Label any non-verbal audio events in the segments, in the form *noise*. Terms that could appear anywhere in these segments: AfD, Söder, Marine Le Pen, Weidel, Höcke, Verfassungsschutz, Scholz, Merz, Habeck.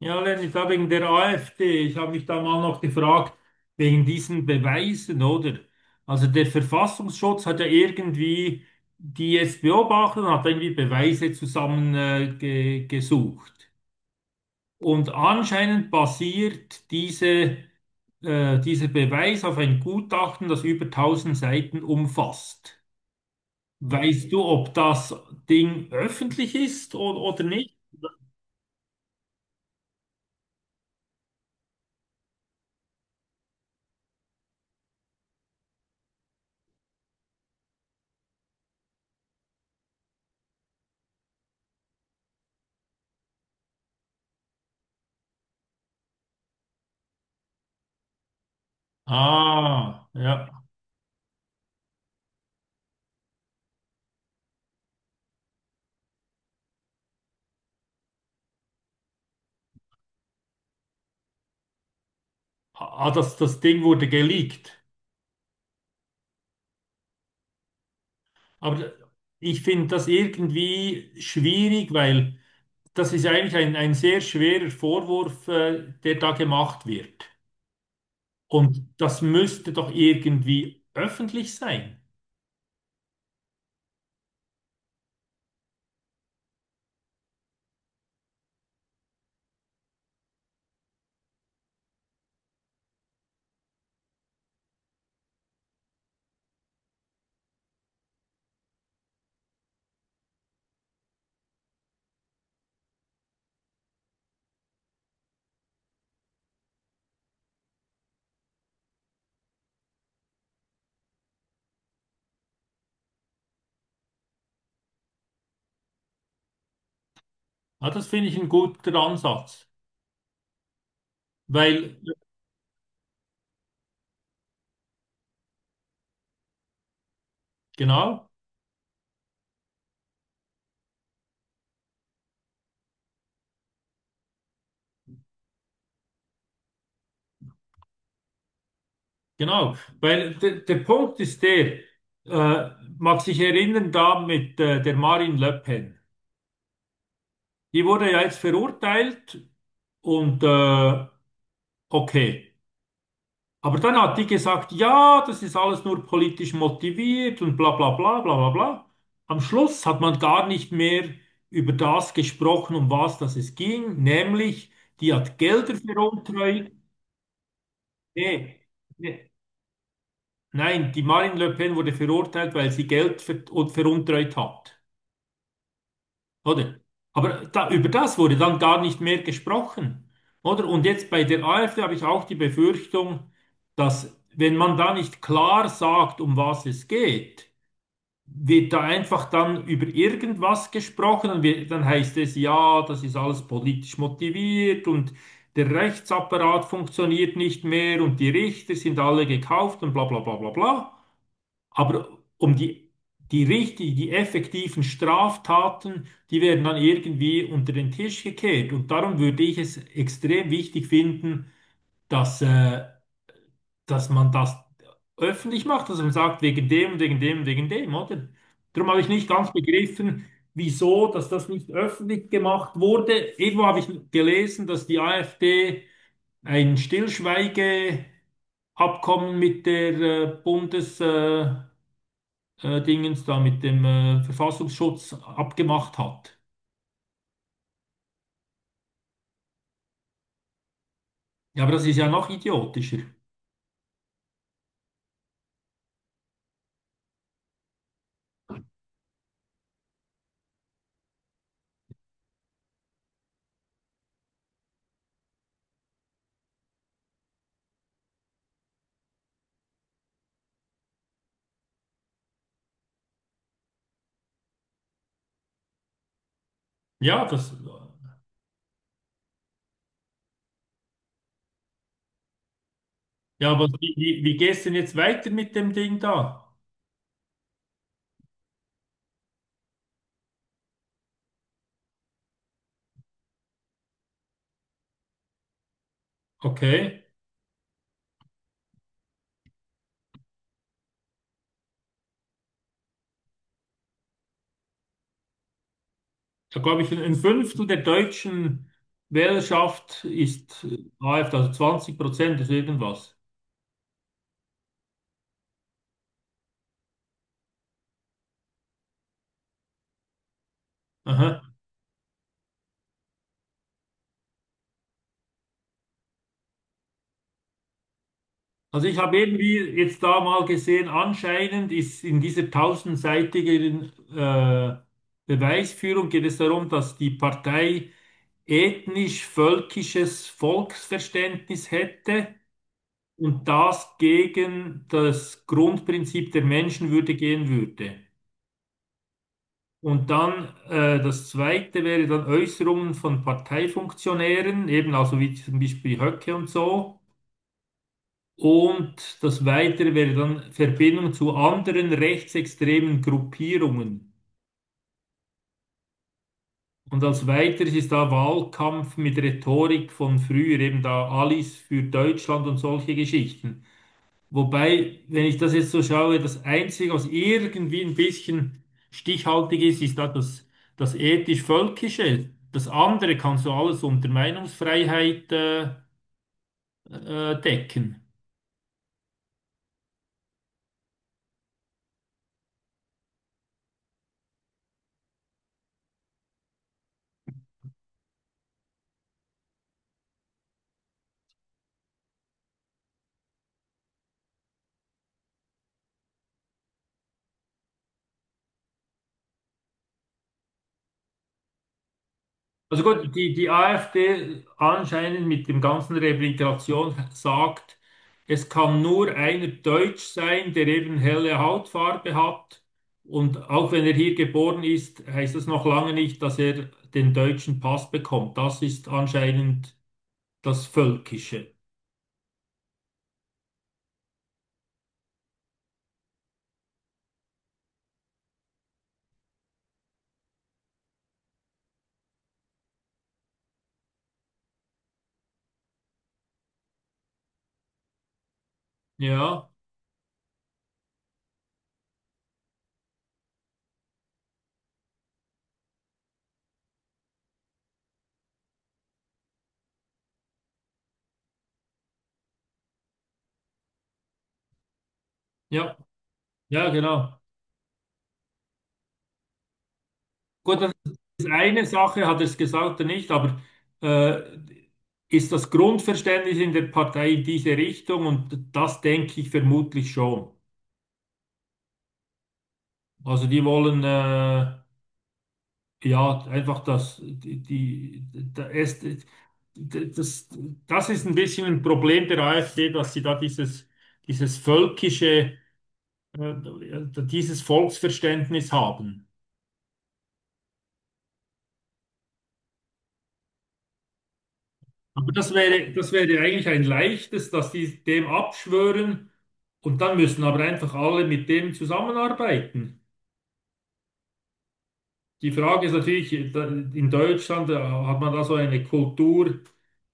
Ja, Lenny, da wegen der AfD. Ich habe mich da mal noch gefragt, wegen diesen Beweisen, oder? Also der Verfassungsschutz hat ja irgendwie die jetzt beobachtet und hat irgendwie Beweise zusammen ge gesucht. Und anscheinend basiert dieser Beweis auf ein Gutachten, das über tausend Seiten umfasst. Weißt du, ob das Ding öffentlich ist oder nicht? Ah, ja. Ah, das Ding wurde geleakt. Aber ich finde das irgendwie schwierig, weil das ist eigentlich ein sehr schwerer Vorwurf, der da gemacht wird. Und das müsste doch irgendwie öffentlich sein. Ja, das finde ich ein guter Ansatz. Weil, genau, genau. Weil der Punkt ist der, äh, mag sich erinnern, da mit der Marine Le Pen. Die wurde ja jetzt verurteilt und okay. Aber dann hat die gesagt, ja, das ist alles nur politisch motiviert und bla bla bla bla bla bla. Am Schluss hat man gar nicht mehr über das gesprochen, um was das es ging, nämlich die hat Gelder veruntreut. Nee, nee. Nein, die Marine Le Pen wurde verurteilt, weil sie Geld veruntreut hat. Oder? Aber da, über das wurde dann gar nicht mehr gesprochen. Oder? Und jetzt bei der AfD habe ich auch die Befürchtung, dass wenn man da nicht klar sagt, um was es geht, wird da einfach dann über irgendwas gesprochen und wir, dann heißt es, ja, das ist alles politisch motiviert und der Rechtsapparat funktioniert nicht mehr und die Richter sind alle gekauft und bla bla bla bla bla. Aber um die, die effektiven Straftaten, die werden dann irgendwie unter den Tisch gekehrt. Und darum würde ich es extrem wichtig finden, dass, äh, dass man das öffentlich macht, dass man sagt, wegen dem, wegen dem, wegen dem, oder? Darum habe ich nicht ganz begriffen, wieso, dass das nicht öffentlich gemacht wurde. Irgendwo habe ich gelesen, dass die AfD ein Stillschweigeabkommen mit der Bundes, Dingens da mit dem Verfassungsschutz abgemacht hat. Ja, aber das ist ja noch idiotischer. Ja, das, ja, aber wie gehst du denn jetzt weiter mit dem Ding da? Okay. Da glaube ich, ein Fünftel der deutschen Wählerschaft ist AfD, also 20% ist irgendwas. Aha. Also ich habe irgendwie jetzt da mal gesehen, anscheinend ist in dieser tausendseitigen Beweisführung geht es darum, dass die Partei ethnisch-völkisches Volksverständnis hätte und das gegen das Grundprinzip der Menschenwürde gehen würde. Und dann das zweite wäre dann Äußerungen von Parteifunktionären, eben also wie zum Beispiel Höcke und so. Und das Weitere wäre dann Verbindung zu anderen rechtsextremen Gruppierungen. Und als Weiteres ist da Wahlkampf mit Rhetorik von früher, eben da Alice für Deutschland und solche Geschichten. Wobei, wenn ich das jetzt so schaue, das Einzige, was irgendwie ein bisschen stichhaltig ist, ist da das ethisch-völkische. Das andere kannst du alles unter Meinungsfreiheit decken. Also gut, die AfD anscheinend mit dem ganzen Rehabilitation sagt, es kann nur einer Deutsch sein, der eben helle Hautfarbe hat. Und auch wenn er hier geboren ist, heißt das noch lange nicht, dass er den deutschen Pass bekommt. Das ist anscheinend das Völkische. Ja, ja, ja, genau. Gut, das ist eine Sache, hat er es gesagt oder nicht, aber äh, ist das Grundverständnis in der Partei in diese Richtung? Und das denke ich vermutlich schon. Also die wollen ja einfach das, die, die, da ist, das, das ist ein bisschen ein Problem der AfD, dass sie da dieses völkische, äh, dieses Volksverständnis haben. Aber das wäre eigentlich ein leichtes, dass die dem abschwören und dann müssen aber einfach alle mit dem zusammenarbeiten. Die Frage ist natürlich, in Deutschland hat man da so eine Kultur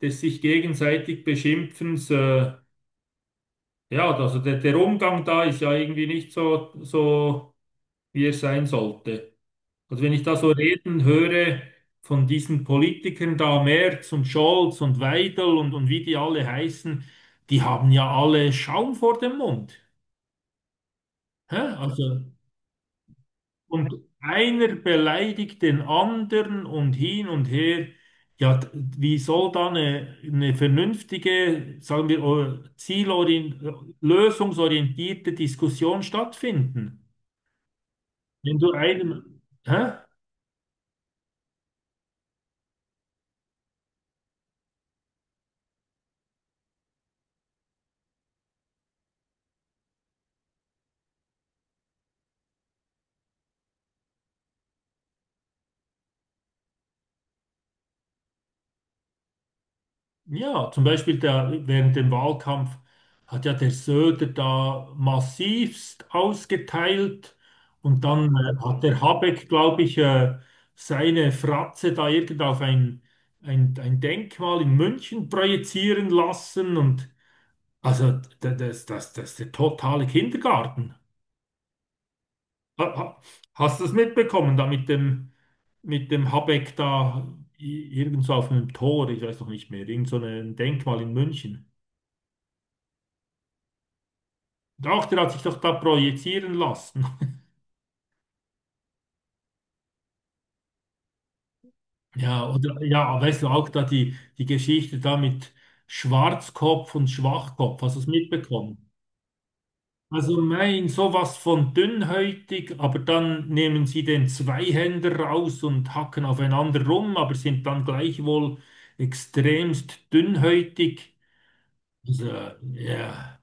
des sich gegenseitig Beschimpfens. Ja, also der Umgang da ist ja irgendwie nicht so, wie er sein sollte. Also wenn ich da so reden höre von diesen Politikern da, Merz und Scholz und Weidel und wie die alle heißen, die haben ja alle Schaum vor dem Mund. Hä? Also, und einer beleidigt den anderen und hin und her. Ja, wie soll da eine vernünftige, sagen wir, lösungsorientierte Diskussion stattfinden? Wenn du einem, hä? Ja, zum Beispiel der, während dem Wahlkampf hat ja der Söder da massivst ausgeteilt und dann hat der Habeck, glaube ich, seine Fratze da irgend auf ein Denkmal in München projizieren lassen und also das ist der totale Kindergarten. Ha- ha- Hast du das mitbekommen da mit dem Habeck da irgendwo auf einem Tor, ich weiß noch nicht mehr, irgend so ein Denkmal in München? Doch, der hat sich doch da projizieren lassen. *laughs* Ja, oder ja, weißt du auch da die Geschichte da mit Schwarzkopf und Schwachkopf, hast du es mitbekommen? Also sowas von dünnhäutig, aber dann nehmen sie den Zweihänder raus und hacken aufeinander rum, aber sind dann gleichwohl extremst dünnhäutig. Also, ja,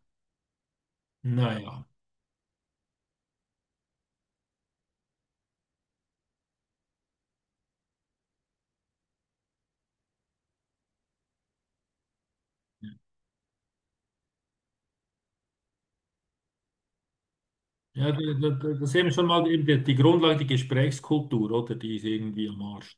naja. Ja, ja, das ist eben schon mal eben die Grundlage, die Gesprächskultur, oder? Die ist irgendwie am Arsch.